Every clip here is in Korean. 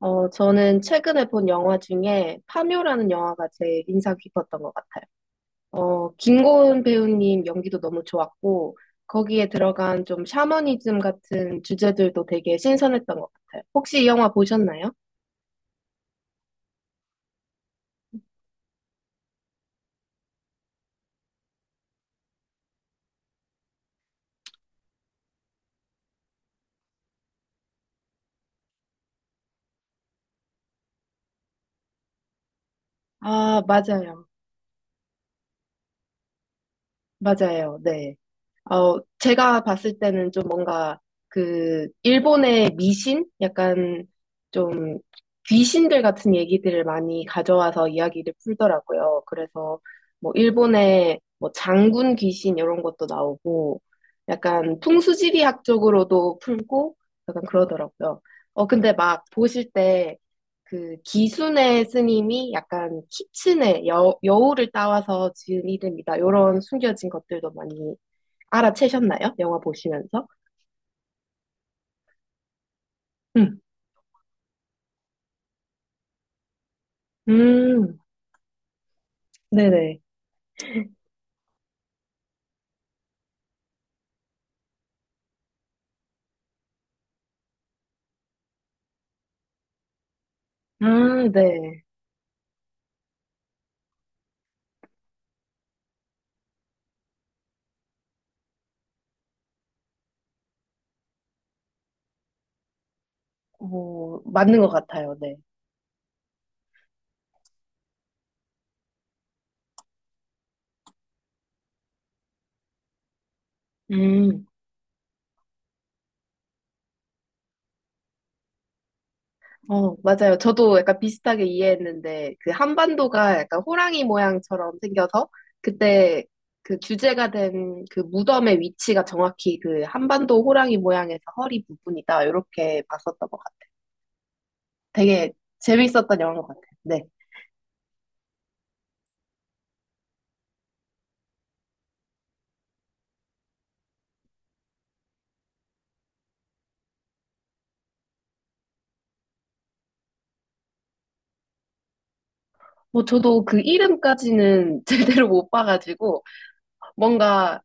저는 최근에 본 영화 중에 파묘라는 영화가 제일 인상 깊었던 것 같아요. 김고은 배우님 연기도 너무 좋았고, 거기에 들어간 좀 샤머니즘 같은 주제들도 되게 신선했던 것 같아요. 혹시 이 영화 보셨나요? 아, 맞아요. 맞아요. 네. 제가 봤을 때는 좀 뭔가 그 일본의 미신? 약간 좀 귀신들 같은 얘기들을 많이 가져와서 이야기를 풀더라고요. 그래서 뭐 일본의 뭐 장군 귀신 이런 것도 나오고 약간 풍수지리학 쪽으로도 풀고 약간 그러더라고요. 근데 막 보실 때 그 기순의 스님이 약간 키친의 여우를 따와서 지은 이름이다. 이런 숨겨진 것들도 많이 알아채셨나요? 영화 보시면서? 음, 음, 네네. 아, 네. 어, 맞는 것 같아요. 네. 음, 어, 맞아요. 저도 약간 비슷하게 이해했는데, 그 한반도가 약간 호랑이 모양처럼 생겨서, 그때 그 주제가 된 그 무덤의 위치가 정확히 그 한반도 호랑이 모양에서 허리 부분이다. 이렇게 봤었던 것 같아요. 되게 재밌었던 영화인 것 같아요. 네. 뭐 저도 그 이름까지는 제대로 못 봐가지고, 뭔가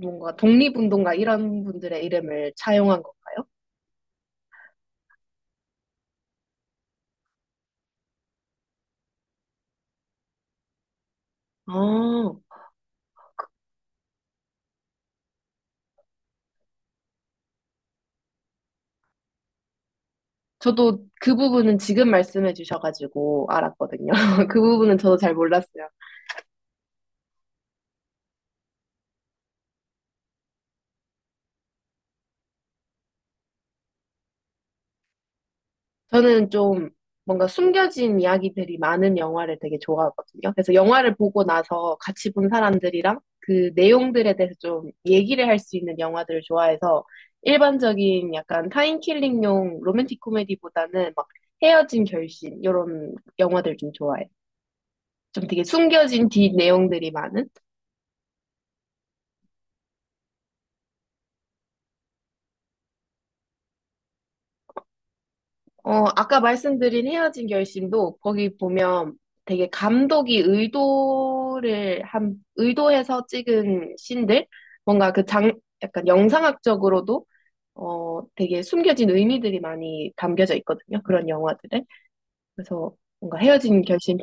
뭔가 독립운동가 이런 분들의 이름을 차용한 건가요? 아, 저도 그 부분은 지금 말씀해 주셔가지고 알았거든요. 그 부분은 저도 잘 몰랐어요. 저는 좀 뭔가 숨겨진 이야기들이 많은 영화를 되게 좋아하거든요. 그래서 영화를 보고 나서 같이 본 사람들이랑 그 내용들에 대해서 좀 얘기를 할 수 있는 영화들을 좋아해서 일반적인 약간 타인킬링용 로맨틱 코미디보다는 막 헤어진 결심 이런 영화들 좀 좋아해요. 좀 되게 숨겨진 뒷 내용들이 많은? 아까 말씀드린 헤어진 결심도 거기 보면 되게 감독이 의도해서 찍은 씬들? 뭔가 약간 영상학적으로도 되게 숨겨진 의미들이 많이 담겨져 있거든요. 그런 영화들에. 그래서 뭔가 헤어진 결심.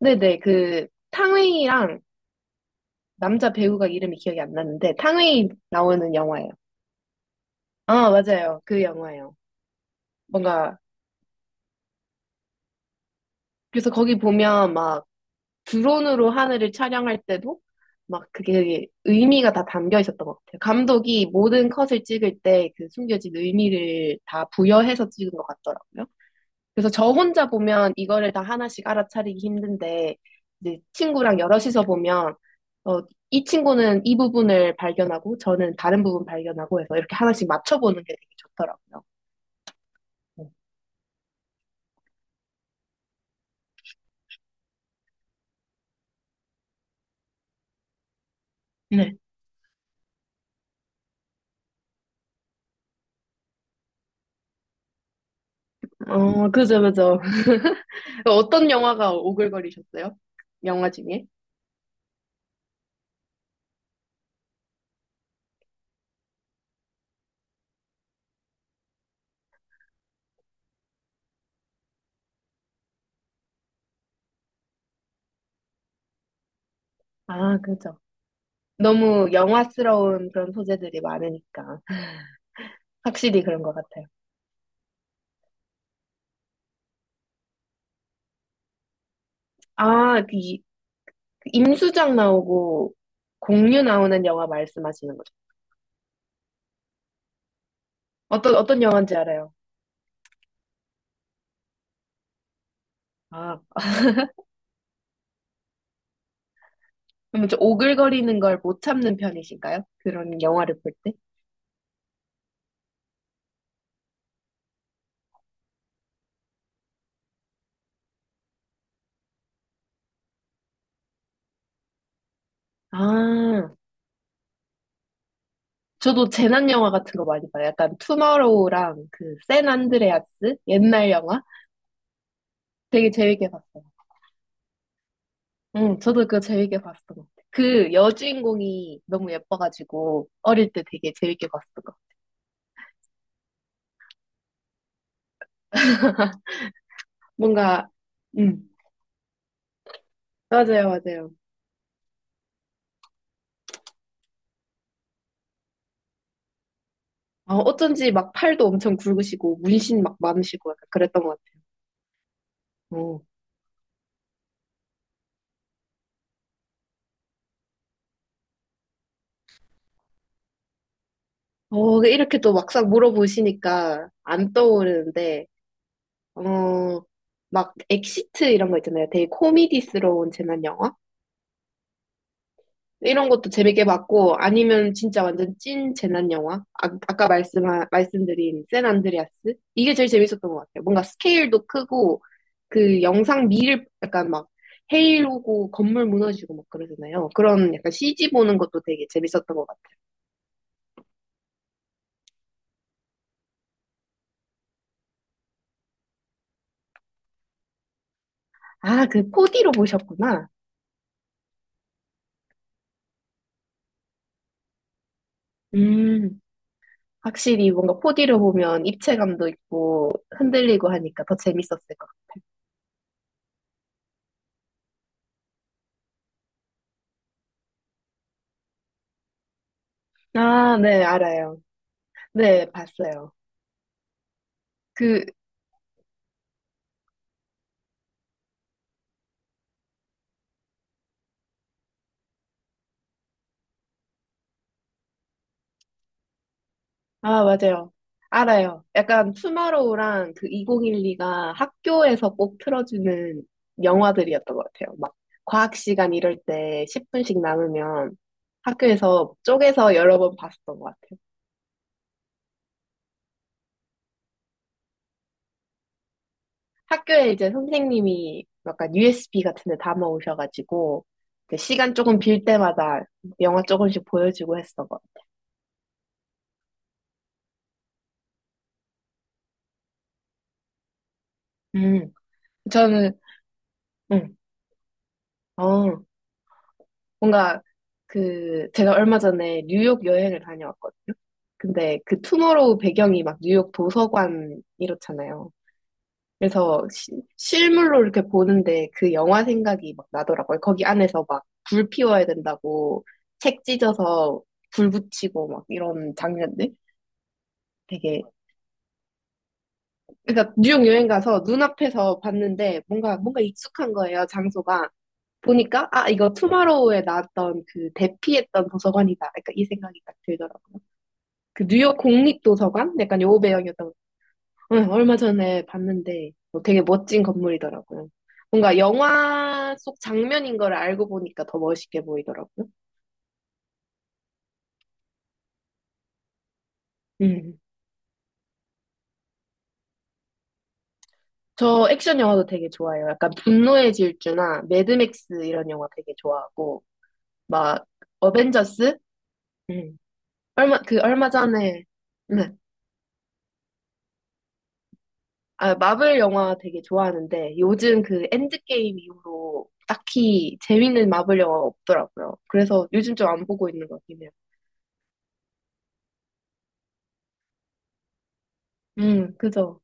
네네, 그 탕웨이랑 남자 배우가 이름이 기억이 안 나는데 탕웨이 나오는 영화예요. 아, 맞아요. 그 영화예요. 뭔가 그래서 거기 보면 막 드론으로 하늘을 촬영할 때도 막 그게 되게 의미가 다 담겨 있었던 것 같아요. 감독이 모든 컷을 찍을 때 그 숨겨진 의미를 다 부여해서 찍은 것 같더라고요. 그래서 저 혼자 보면 이거를 다 하나씩 알아차리기 힘든데 이제 친구랑 여럿이서 보면 어, 이 친구는 이 부분을 발견하고 저는 다른 부분 발견하고 해서 이렇게 하나씩 맞춰보는 게 되게 좋더라고요. 네. 어, 그죠, 그죠. 어떤 영화가 오글거리셨어요? 영화 중에? 아, 그죠. 너무 영화스러운 그런 소재들이 많으니까. 확실히 그런 것 같아요. 아, 그 임수정 나오고 공유 나오는 영화 말씀하시는 거죠? 어떤 영화인지 알아요. 아, 그러면 좀 오글거리는 걸 못 참는 편이신가요? 그런 영화를 볼 때? 아, 저도 재난 영화 같은 거 많이 봐요. 약간 투마로우랑 그 샌 안드레아스 옛날 영화 되게 재밌게 봤어요. 응, 저도 그거 재밌게 봤던 것 같아요. 그 여주인공이 너무 예뻐가지고 어릴 때 되게 재밌게 봤어요. 뭔가, 음, 맞아요, 맞아요. 어쩐지 막 팔도 엄청 굵으시고, 문신 막 많으시고, 약간 그랬던 것 같아요. 어, 이렇게 또 막상 물어보시니까 안 떠오르는데, 어, 막 엑시트 이런 거 있잖아요. 되게 코미디스러운 재난 영화? 이런 것도 재밌게 봤고, 아니면 진짜 완전 찐 재난 영화? 아, 아까 말씀드린 샌 안드레아스? 이게 제일 재밌었던 것 같아요. 뭔가 스케일도 크고, 그 영상 미를 약간 막 헤일 오고 건물 무너지고 막 그러잖아요. 그런 약간 CG 보는 것도 되게 재밌었던 것 같아요. 아, 그 4D로 보셨구나. 음, 확실히 뭔가 4D로 보면 입체감도 있고 흔들리고 하니까 더 재밌었을 것 같아요. 아, 네, 알아요. 네, 봤어요. 그 아, 맞아요. 알아요. 약간 투마로우랑 그 2012가 학교에서 꼭 틀어주는 영화들이었던 것 같아요. 막 과학 시간 이럴 때 10분씩 남으면 학교에서 쪼개서 여러 번 봤었던 것 같아요. 학교에 이제 선생님이 약간 USB 같은 데 담아 오셔가지고 이제 시간 조금 빌 때마다 영화 조금씩 보여주고 했었던 것 같아요. 저는, 음, 어. 뭔가 제가 얼마 전에 뉴욕 여행을 다녀왔거든요. 근데 그 투머로우 배경이 막 뉴욕 도서관 이렇잖아요. 그래서 실물로 이렇게 보는데 그 영화 생각이 막 나더라고요. 거기 안에서 막 불 피워야 된다고 책 찢어서 불 붙이고 막 이런 장면들 되게 그러니까 뉴욕 여행 가서 눈앞에서 봤는데 뭔가 익숙한 거예요, 장소가. 보니까 아 이거 투마로우에 나왔던 그 대피했던 도서관이다. 약간 이 생각이 딱 들더라고요. 그 뉴욕 국립도서관? 약간 요 배경이었던 거. 응, 얼마 전에 봤는데 뭐 되게 멋진 건물이더라고요. 뭔가 영화 속 장면인 걸 알고 보니까 더 멋있게 보이더라고요. 음. 저 액션 영화도 되게 좋아해요. 약간 분노의 질주나 매드맥스 이런 영화 되게 좋아하고 막 어벤져스? 음. 얼마 전에. 네. 아, 마블 영화 되게 좋아하는데 요즘 그 엔드게임 이후로 딱히 재밌는 마블 영화 없더라고요. 그래서 요즘 좀 안 보고 있는 것 같긴 해요. 그죠.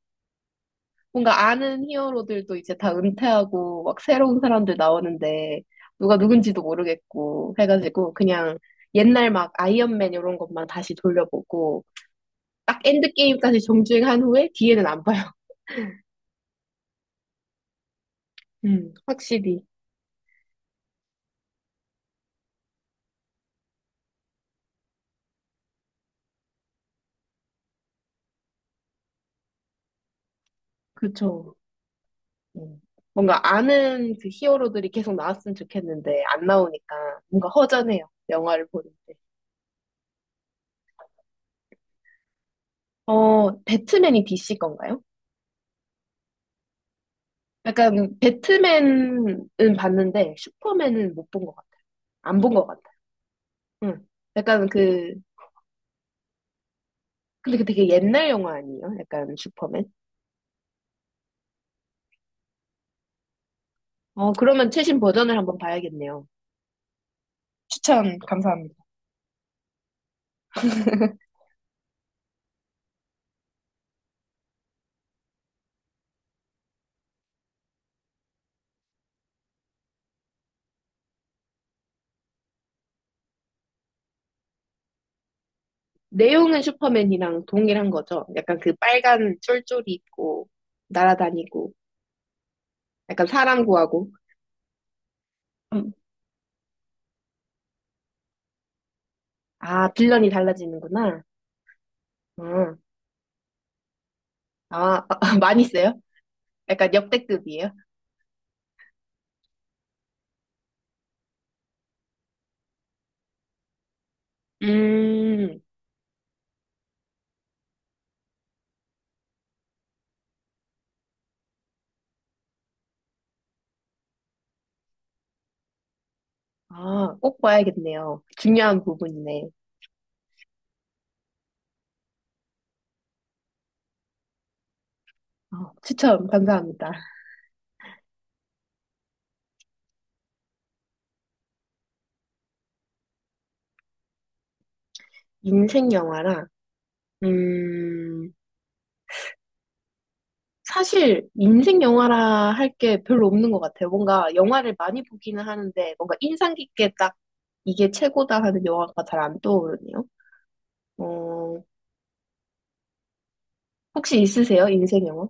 뭔가 아는 히어로들도 이제 다 은퇴하고 막 새로운 사람들 나오는데 누가 누군지도 모르겠고 해가지고 그냥 옛날 막 아이언맨 이런 것만 다시 돌려보고 딱 엔드게임까지 정주행한 후에 뒤에는 안 봐요. 확실히. 그쵸. 음. 뭔가 아는 그 히어로들이 계속 나왔으면 좋겠는데 안 나오니까 뭔가 허전해요. 영화를 보는데. 배트맨이 DC 건가요? 약간 배트맨은 봤는데 슈퍼맨은 못 본 것 같아요. 안 본 것 같아요. 응. 약간 그 근데 그 되게 옛날 영화 아니에요? 약간 슈퍼맨? 그러면 최신 버전을 한번 봐야겠네요. 추천 감사합니다. 내용은 슈퍼맨이랑 동일한 거죠. 약간 그 빨간 쫄쫄이 있고 날아다니고 약간 사람 구하고. 아, 빌런이 달라지는구나. 음. 아, 많이 써요? 약간 역대급이에요? 음, 아, 꼭 봐야겠네요. 중요한 부분이네. 추천 감사합니다. 인생 영화라, 음, 사실 인생 영화라 할 게 별로 없는 것 같아요. 뭔가 영화를 많이 보기는 하는데, 뭔가 인상 깊게 딱 이게 최고다 하는 영화가 잘 안 떠오르네요. 어, 혹시 있으세요? 인생 영화?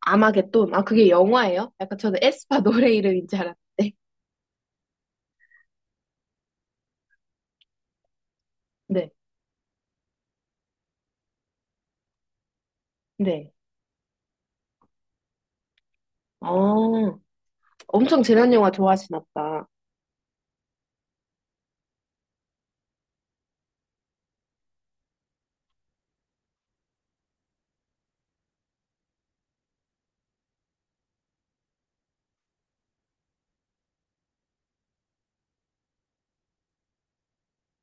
아마겟돈. 아, 그게 영화예요? 약간 저는 에스파 노래 이름인 줄 알았는데. 네, 네. 어, 엄청 재난 영화 좋아하시나 보다.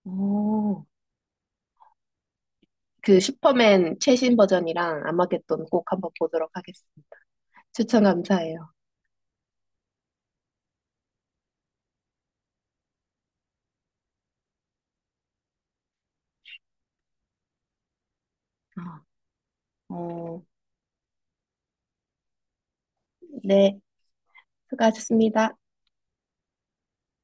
어, 그 슈퍼맨 최신 버전이랑 아마겟돈 꼭 한번 보도록 하겠습니다. 추천 감사해요. 어, 어, 네, 수고하셨습니다.